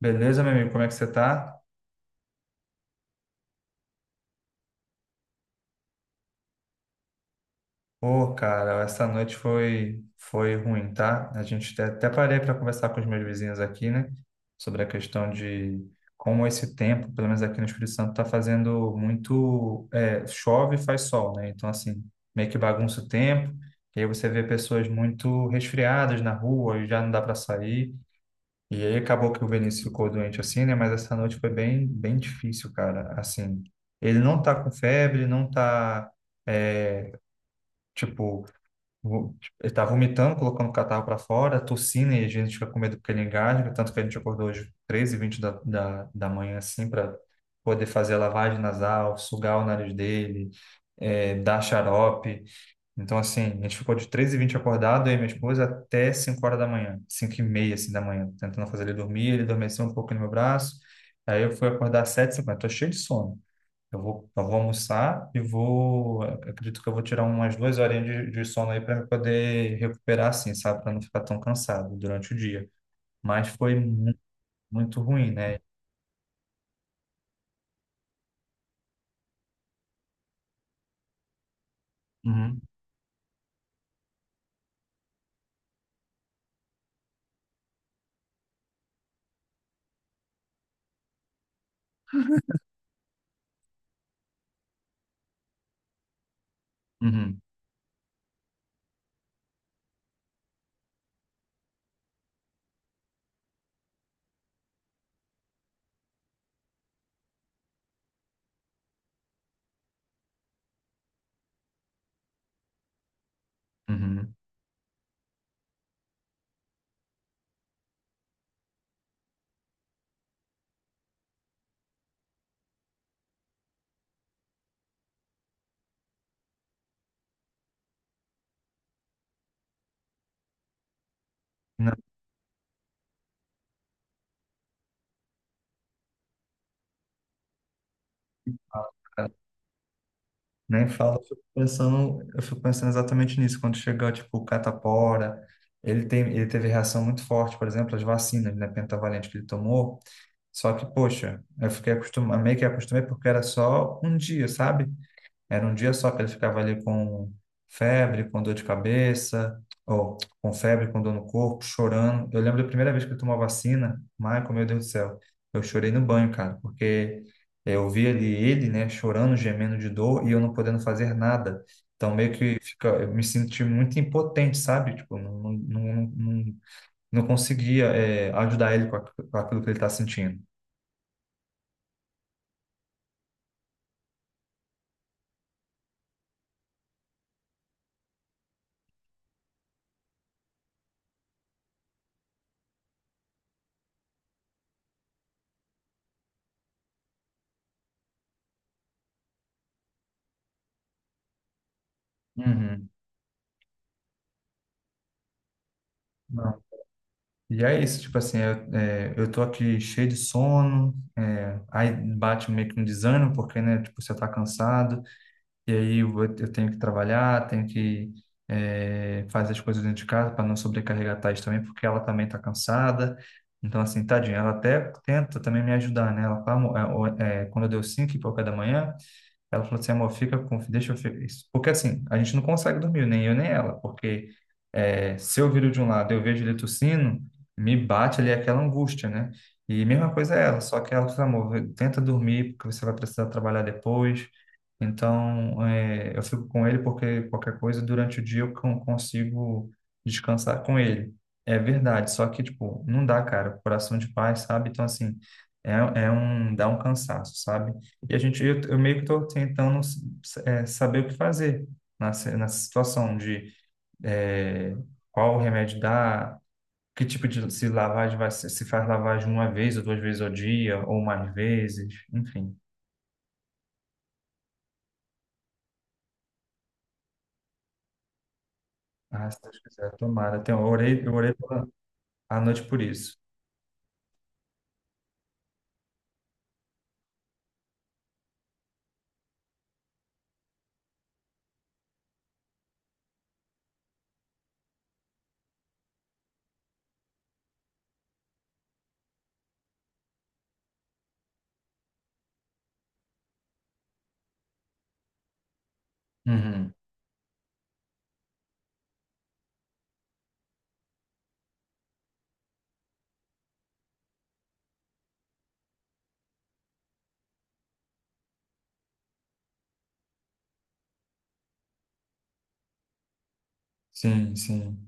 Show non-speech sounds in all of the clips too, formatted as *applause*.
Beleza, meu amigo, como é que você tá? Ô, cara, essa noite foi ruim, tá? A gente até parei para conversar com os meus vizinhos aqui, né? Sobre a questão de como esse tempo, pelo menos aqui no Espírito Santo, tá fazendo muito chove e faz sol, né? Então, assim, meio que bagunça o tempo. E aí você vê pessoas muito resfriadas na rua e já não dá para sair. E aí acabou que o Vinícius ficou doente assim, né? Mas essa noite foi bem, bem difícil, cara. Assim, ele não tá com febre, não tá, é, tipo, vo- ele tá vomitando, colocando o catarro pra fora, tossindo, e a gente fica com medo porque ele engasga. Tanto que a gente acordou hoje 13 e vinte da manhã, assim, para poder fazer a lavagem nasal, sugar o nariz dele, dar xarope. Então, assim, a gente ficou de três e vinte acordado, eu e minha esposa, até 5 horas da manhã, 5 e meia, assim, da manhã, tentando fazer ele dormir, ele adormeceu um pouco no meu braço, aí eu fui acordar às 7h50, tô cheio de sono. Eu vou almoçar e vou, acredito que eu vou tirar umas duas horinhas de sono aí para poder recuperar, assim, sabe, para não ficar tão cansado durante o dia. Mas foi muito ruim, né? Uhum, uhum, uhum. Não, nem fala, eu fico pensando exatamente nisso. Quando chega, tipo, o catapora, ele teve reação muito forte, por exemplo, às vacinas, né, pentavalente que ele tomou. Só que, poxa, eu fiquei acostumado, meio que acostumei porque era só um dia, sabe? Era um dia só que ele ficava ali com febre, com dor de cabeça, ou com febre, com dor no corpo, chorando. Eu lembro da primeira vez que eu tomou a vacina, Michael, meu Deus do céu, eu chorei no banho, cara, porque eu vi ali ele, né, chorando, gemendo de dor e eu não podendo fazer nada. Então, meio que fica, eu me senti muito impotente, sabe? Tipo, não, não, não, não, não conseguia, ajudar ele com com aquilo que ele está sentindo. Uhum. E é isso, tipo assim, eu tô aqui cheio de sono, aí bate meio que um desânimo, porque, né, tipo, você tá cansado, e aí eu tenho que trabalhar, tenho que fazer as coisas dentro de casa para não sobrecarregar a Thaís também, porque ela também tá cansada. Então, assim, tadinha, ela até tenta também me ajudar, né? Ela fala, "Amor, ó, quando eu deu cinco e pouca da manhã, ela falou assim, amor, deixa eu ficar isso. Porque assim, a gente não consegue dormir, nem eu nem ela, porque se eu viro de um lado e eu vejo ele tossindo, me bate ali aquela angústia, né? E mesma coisa é ela, só que ela falou, amor, tenta dormir, porque você vai precisar trabalhar depois. Então, eu fico com ele porque qualquer coisa durante o dia eu consigo descansar com ele. É verdade, só que, tipo, não dá, cara, coração de pai, sabe? Então, assim, é, dá um cansaço, sabe? E eu meio que estou tentando saber o que fazer nessa situação de é, qual remédio dá, que tipo de se lavagem vai ser, se faz lavagem uma vez ou duas vezes ao dia, ou mais vezes, enfim. Ah, se Deus quiser, tomara. Então, eu orei à noite por isso. Uhum. Sim, sim.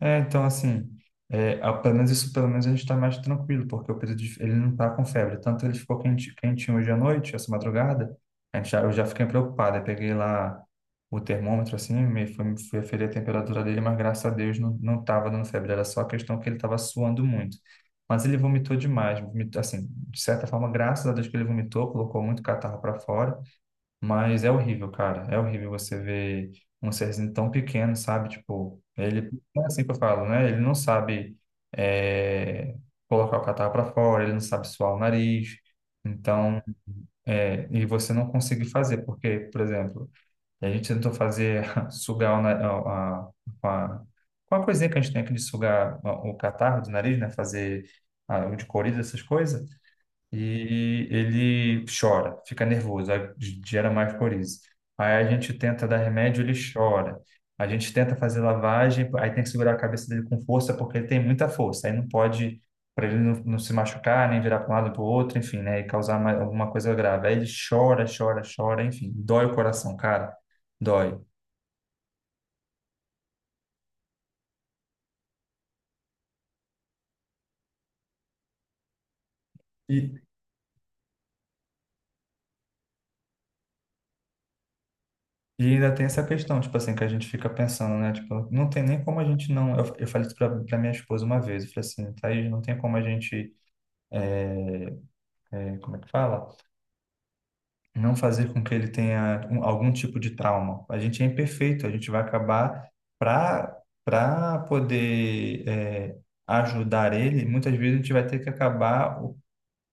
É, então, assim, pelo menos isso, pelo menos a gente está mais tranquilo, porque o Pedro, ele não está com febre. Tanto ele ficou quente, quentinho hoje à noite, essa madrugada, eu já fiquei preocupado. Eu peguei lá o termômetro, assim, fui aferir a temperatura dele, mas graças a Deus não estava dando febre, era só a questão que ele estava suando muito. Mas ele vomitou demais, vomitou, assim, de certa forma, graças a Deus que ele vomitou, colocou muito catarro para fora, mas é horrível, cara. É horrível você ver um serzinho tão pequeno, sabe? Tipo, é assim que eu falo, né? Ele não sabe é, colocar o catarro para fora, ele não sabe suar o nariz. Então, e você não consegue fazer, porque, por exemplo, a gente tentou fazer *laughs* sugar o, na- a, com a, com a coisinha que a gente tem aqui de sugar o catarro do nariz, né? Fazer o de coriza, essas coisas e ele chora, fica nervoso, aí gera mais coriza. Aí a gente tenta dar remédio, ele chora. A gente tenta fazer lavagem, aí tem que segurar a cabeça dele com força, porque ele tem muita força. Aí não pode, para ele não se machucar, nem virar para um lado para o outro, enfim, né? E causar mais, alguma coisa grave. Aí ele chora, chora, chora, enfim, dói o coração, cara, dói. E, e ainda tem essa questão, tipo assim, que a gente fica pensando, né? Tipo, não tem nem como a gente não. Eu falei isso para minha esposa uma vez, eu falei assim, Thaís, não tem como a gente. é, Como é que fala? Não fazer com que ele tenha algum tipo de trauma. A gente é imperfeito, a gente vai acabar para para poder ajudar ele, muitas vezes a gente vai ter que acabar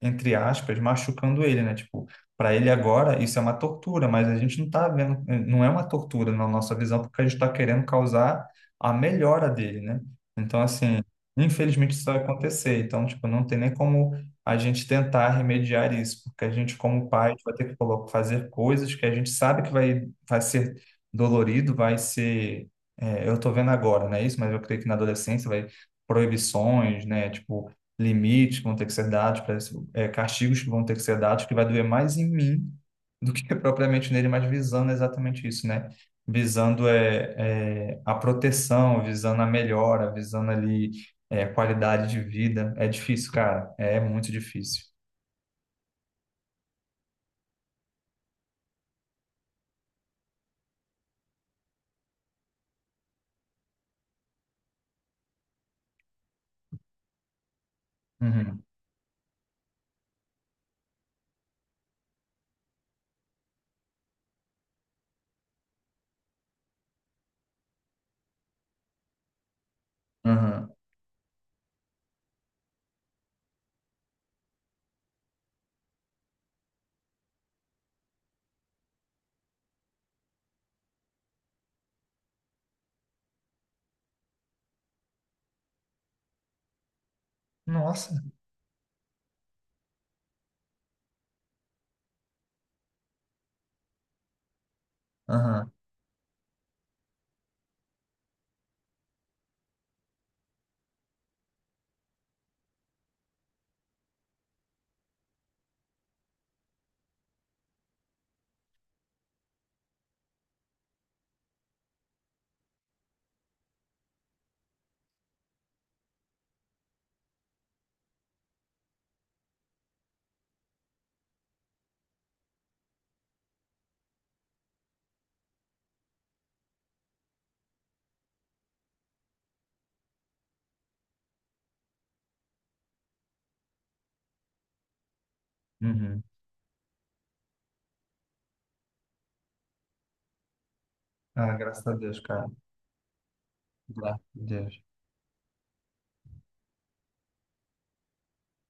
entre aspas, machucando ele, né? Tipo, para ele agora isso é uma tortura, mas a gente não tá vendo, não é uma tortura na nossa visão, porque a gente está querendo causar a melhora dele, né? Então, assim, infelizmente isso vai acontecer. Então, tipo, não tem nem como a gente tentar remediar isso, porque a gente, como pai, vai ter que fazer coisas que a gente sabe que vai ser dolorido, vai ser. Eu tô vendo agora, né? Isso, mas eu creio que na adolescência vai proibições, né? Tipo, limites que vão ter que ser dados, para castigos que vão ter que ser dados, que vai doer mais em mim do que *laughs* propriamente nele, mas visando exatamente isso, né? Visando a proteção, visando a melhora, visando ali a qualidade de vida. É difícil, cara. É muito difícil. Uhum. Uhum. Nossa. Uhum. Uhum. Ah, graças a Deus, cara. Graças a Deus.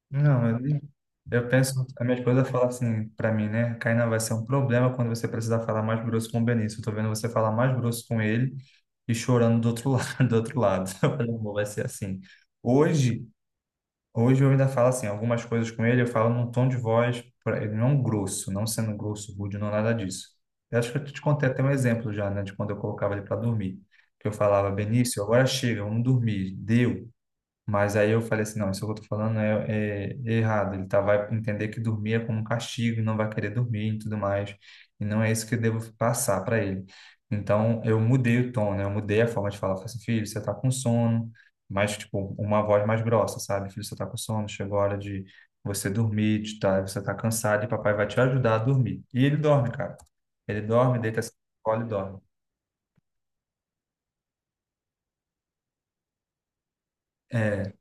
Não, eu penso, a minha esposa fala assim pra mim, né? Kainan, vai ser um problema quando você precisar falar mais grosso com o Benício. Eu tô vendo você falar mais grosso com ele e chorando do outro *laughs* lado, do outro lado. Eu falei, amor, vai ser assim. Hoje, hoje eu ainda falo assim, algumas coisas com ele, eu falo num tom de voz, pra ele, não grosso, não sendo grosso, rude, não nada disso. Eu acho que eu te contei até um exemplo já, né, de quando eu colocava ele para dormir. Que eu falava, Benício, agora chega, vamos dormir. Deu. Mas aí eu falei assim, não, isso que eu tô falando é errado. Ele vai entender que dormir é como um castigo, não vai querer dormir e tudo mais. E não é isso que eu devo passar para ele. Então, eu mudei o tom, né? Eu mudei a forma de falar. Eu falei assim, filho, você tá com sono. Mas, tipo, uma voz mais grossa, sabe? Filho, você tá com sono, chegou a hora de você dormir, você tá cansado e papai vai te ajudar a dormir. E ele dorme, cara. Ele dorme, deita-se no colo e dorme. É,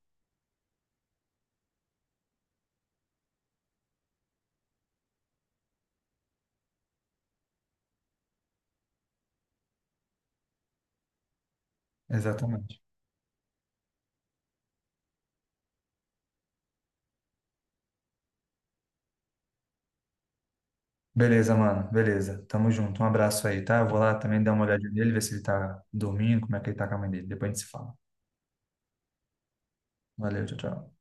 exatamente. Beleza, mano. Beleza. Tamo junto. Um abraço aí, tá? Eu vou lá também dar uma olhadinha nele, ver se ele tá dormindo, como é que ele tá com a mãe dele. Depois a gente se fala. Valeu, tchau, tchau.